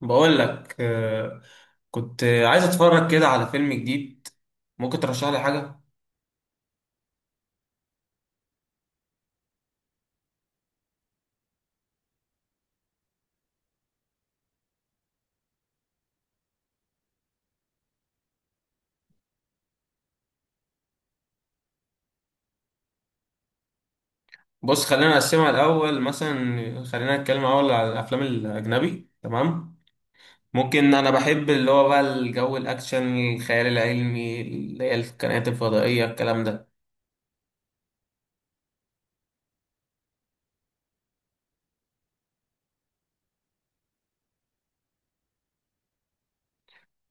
بقول لك كنت عايز اتفرج كده على فيلم جديد. ممكن ترشح لي حاجه؟ بص، خلينا نقسمها الاول، مثلا خلينا نتكلم اول على الافلام الاجنبي، تمام. ممكن، انا بحب اللي هو بقى الجو الاكشن، الخيال العلمي، اللي هي الكائنات الفضائيه الكلام ده.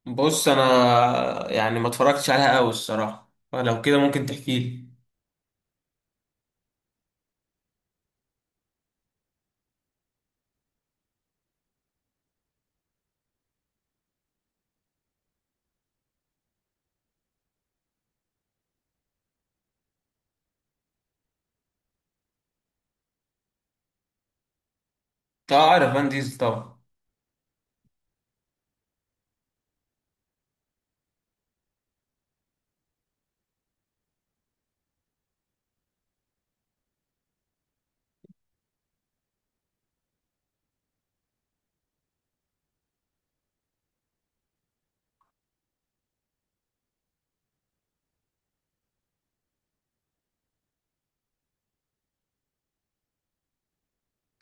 بص، انا يعني ما اتفرجتش عليها قوي الصراحه، فلو كده ممكن تحكي لي. تعرف فان ديزل طبعا.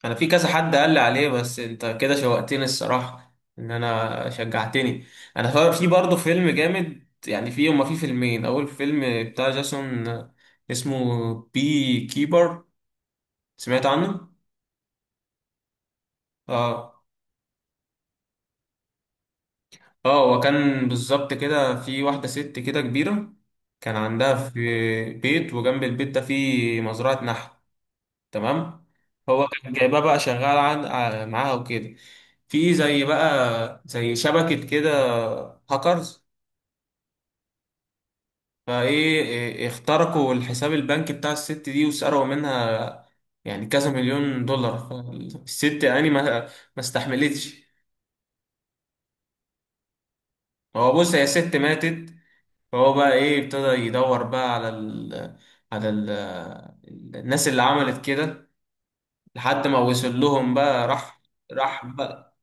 انا في كذا حد قال لي عليه، بس انت كده شوقتني الصراحه، ان انا شجعتني. انا في برضه فيلم جامد، يعني في هما في فيلمين. اول فيلم بتاع جاسون، اسمه بي كيبر. سمعت عنه؟ اه. اه، وكان بالظبط كده في واحده ست كده كبيره، كان عندها في بيت، وجنب البيت ده في مزرعه نحل، تمام. هو كان جايبها بقى شغال معاها وكده. في زي شبكة كده، هاكرز، فايه. اخترقوا الحساب البنكي بتاع الست دي وسرقوا منها يعني كذا مليون دولار. فالست يعني ما استحملتش. هو بص، هي ست ماتت. فهو بقى ابتدى يدور بقى على الناس اللي عملت كده، لحد ما وصل لهم بقى. راح. راح بقى.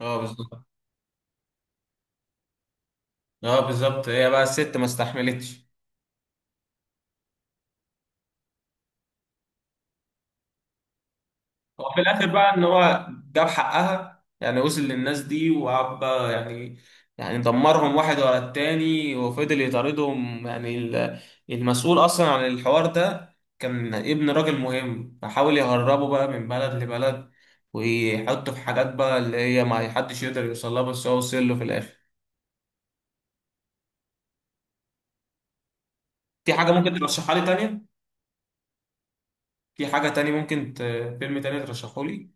اه، بالظبط. اه، بالظبط، هي بقى الست ما استحملتش. هو في الاخر بقى ان هو جاب حقها، يعني وصل للناس دي وقعد بقى يعني، يعني دمرهم واحد ورا التاني، وفضل يطاردهم. يعني المسؤول اصلا عن الحوار ده كان ابن راجل مهم، فحاول يهربه بقى من بلد لبلد، ويحطه في حاجات بقى اللي هي ما حدش يقدر يوصلها، بس هو وصل له في الاخر. في حاجة ممكن ترشحها لي تانية؟ في حاجة تانية ممكن فيلم تاني ترشحه لي؟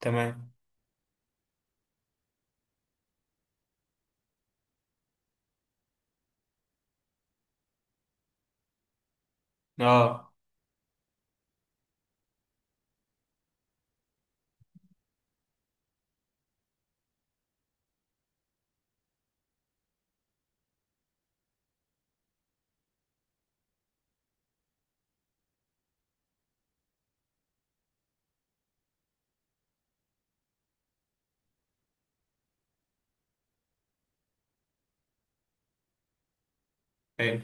تمام. اه. حلو.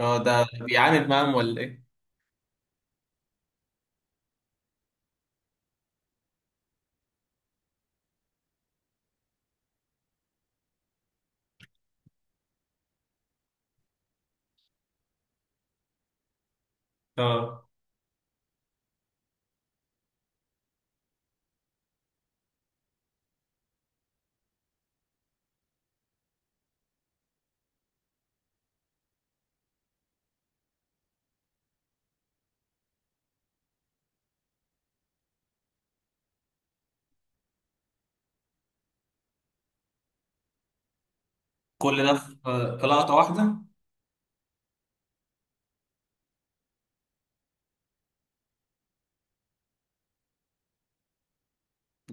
اه، ده بيعاند معاهم ولا ايه؟ اه، كل ده في لقطة واحدة؟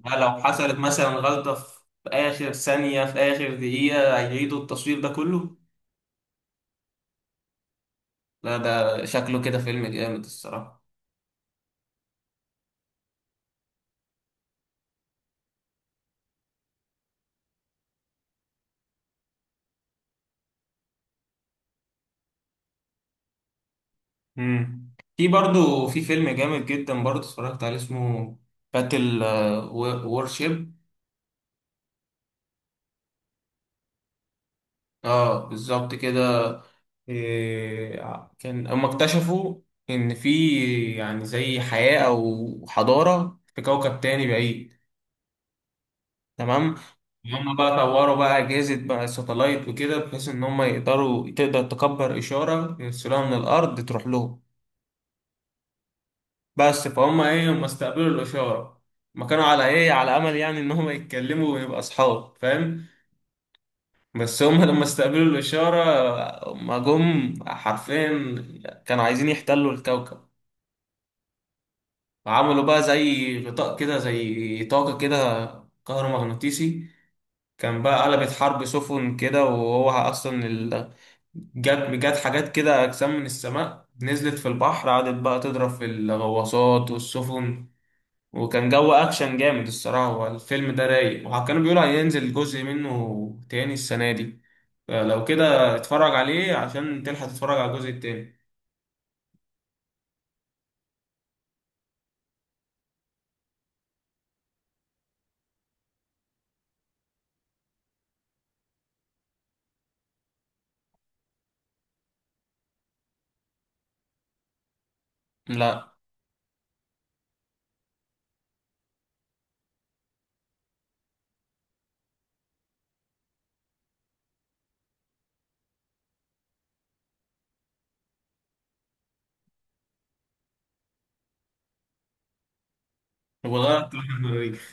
يعني لو حصلت مثلا غلطة في آخر ثانية في آخر دقيقة، هيعيدوا التصوير ده كله؟ لا، ده شكله كده فيلم جامد الصراحة. امم في برضو في فيلم جامد جدا برضو، اتفرجت عليه، اسمه باتل وورشيب. اه، بالظبط كده. كان هم اكتشفوا ان في يعني زي حياة او حضارة في كوكب تاني بعيد. تمام. هم بقى طوروا بقى أجهزة بقى ساتلايت وكده، بحيث إن هم يقدروا تقدر تكبر إشارة يرسلوها من الأرض تروح لهم. بس فهم هم استقبلوا الإشارة، ما كانوا على أمل يعني إن هم يتكلموا ويبقى أصحاب، فاهم؟ بس هم لما استقبلوا الإشارة هم جم حرفيا كانوا عايزين يحتلوا الكوكب. عملوا بقى زي غطاء كده، زي طاقة كده كهرومغناطيسي، كان بقى قلبت حرب سفن كده، وهو اصلا جت حاجات كده، اجسام من السماء نزلت في البحر، قعدت بقى تضرب في الغواصات والسفن، وكان جو اكشن جامد الصراحه. هو الفيلم ده رايق، وكانوا بيقولوا هينزل جزء منه تاني السنه دي، فلو كده اتفرج عليه عشان تلحق تتفرج على الجزء التاني. لا، وغيرت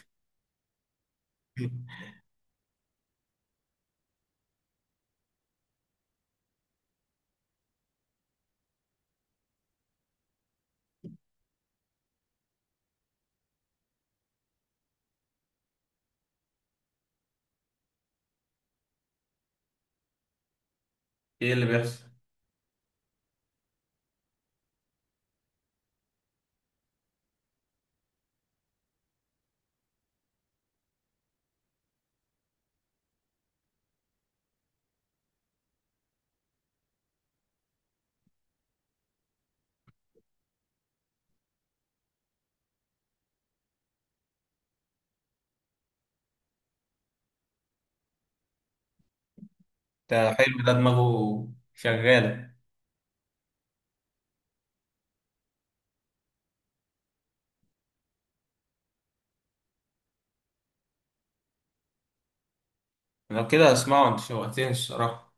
ايه اللي بيحصل؟ ده حلو، ده دماغه شغاله. لو كده اسمعه، انت شوقتني الصراحه.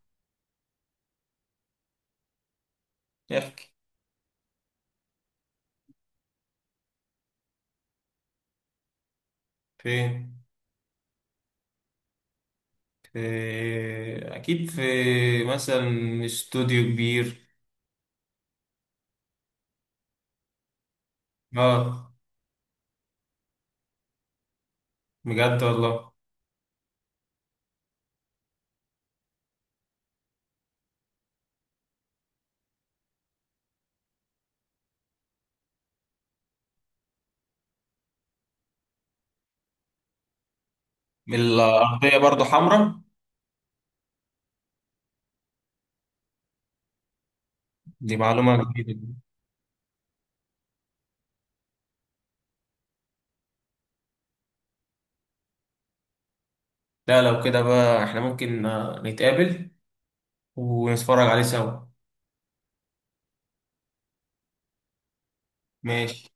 احكي. فين؟ في، اكيد في مثلا استوديو كبير. اه، بجد والله؟ الارضيه برضو حمراء. دي معلومه جديده. لا، لو كده بقى احنا ممكن نتقابل ونتفرج عليه سوا. ماشي.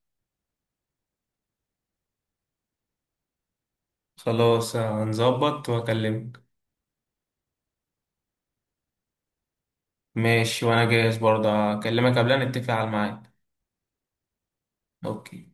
خلاص، هنظبط واكلمك. ماشي، وانا جاهز برضه، اكلمك قبلها نتفق على الميعاد. اوكي.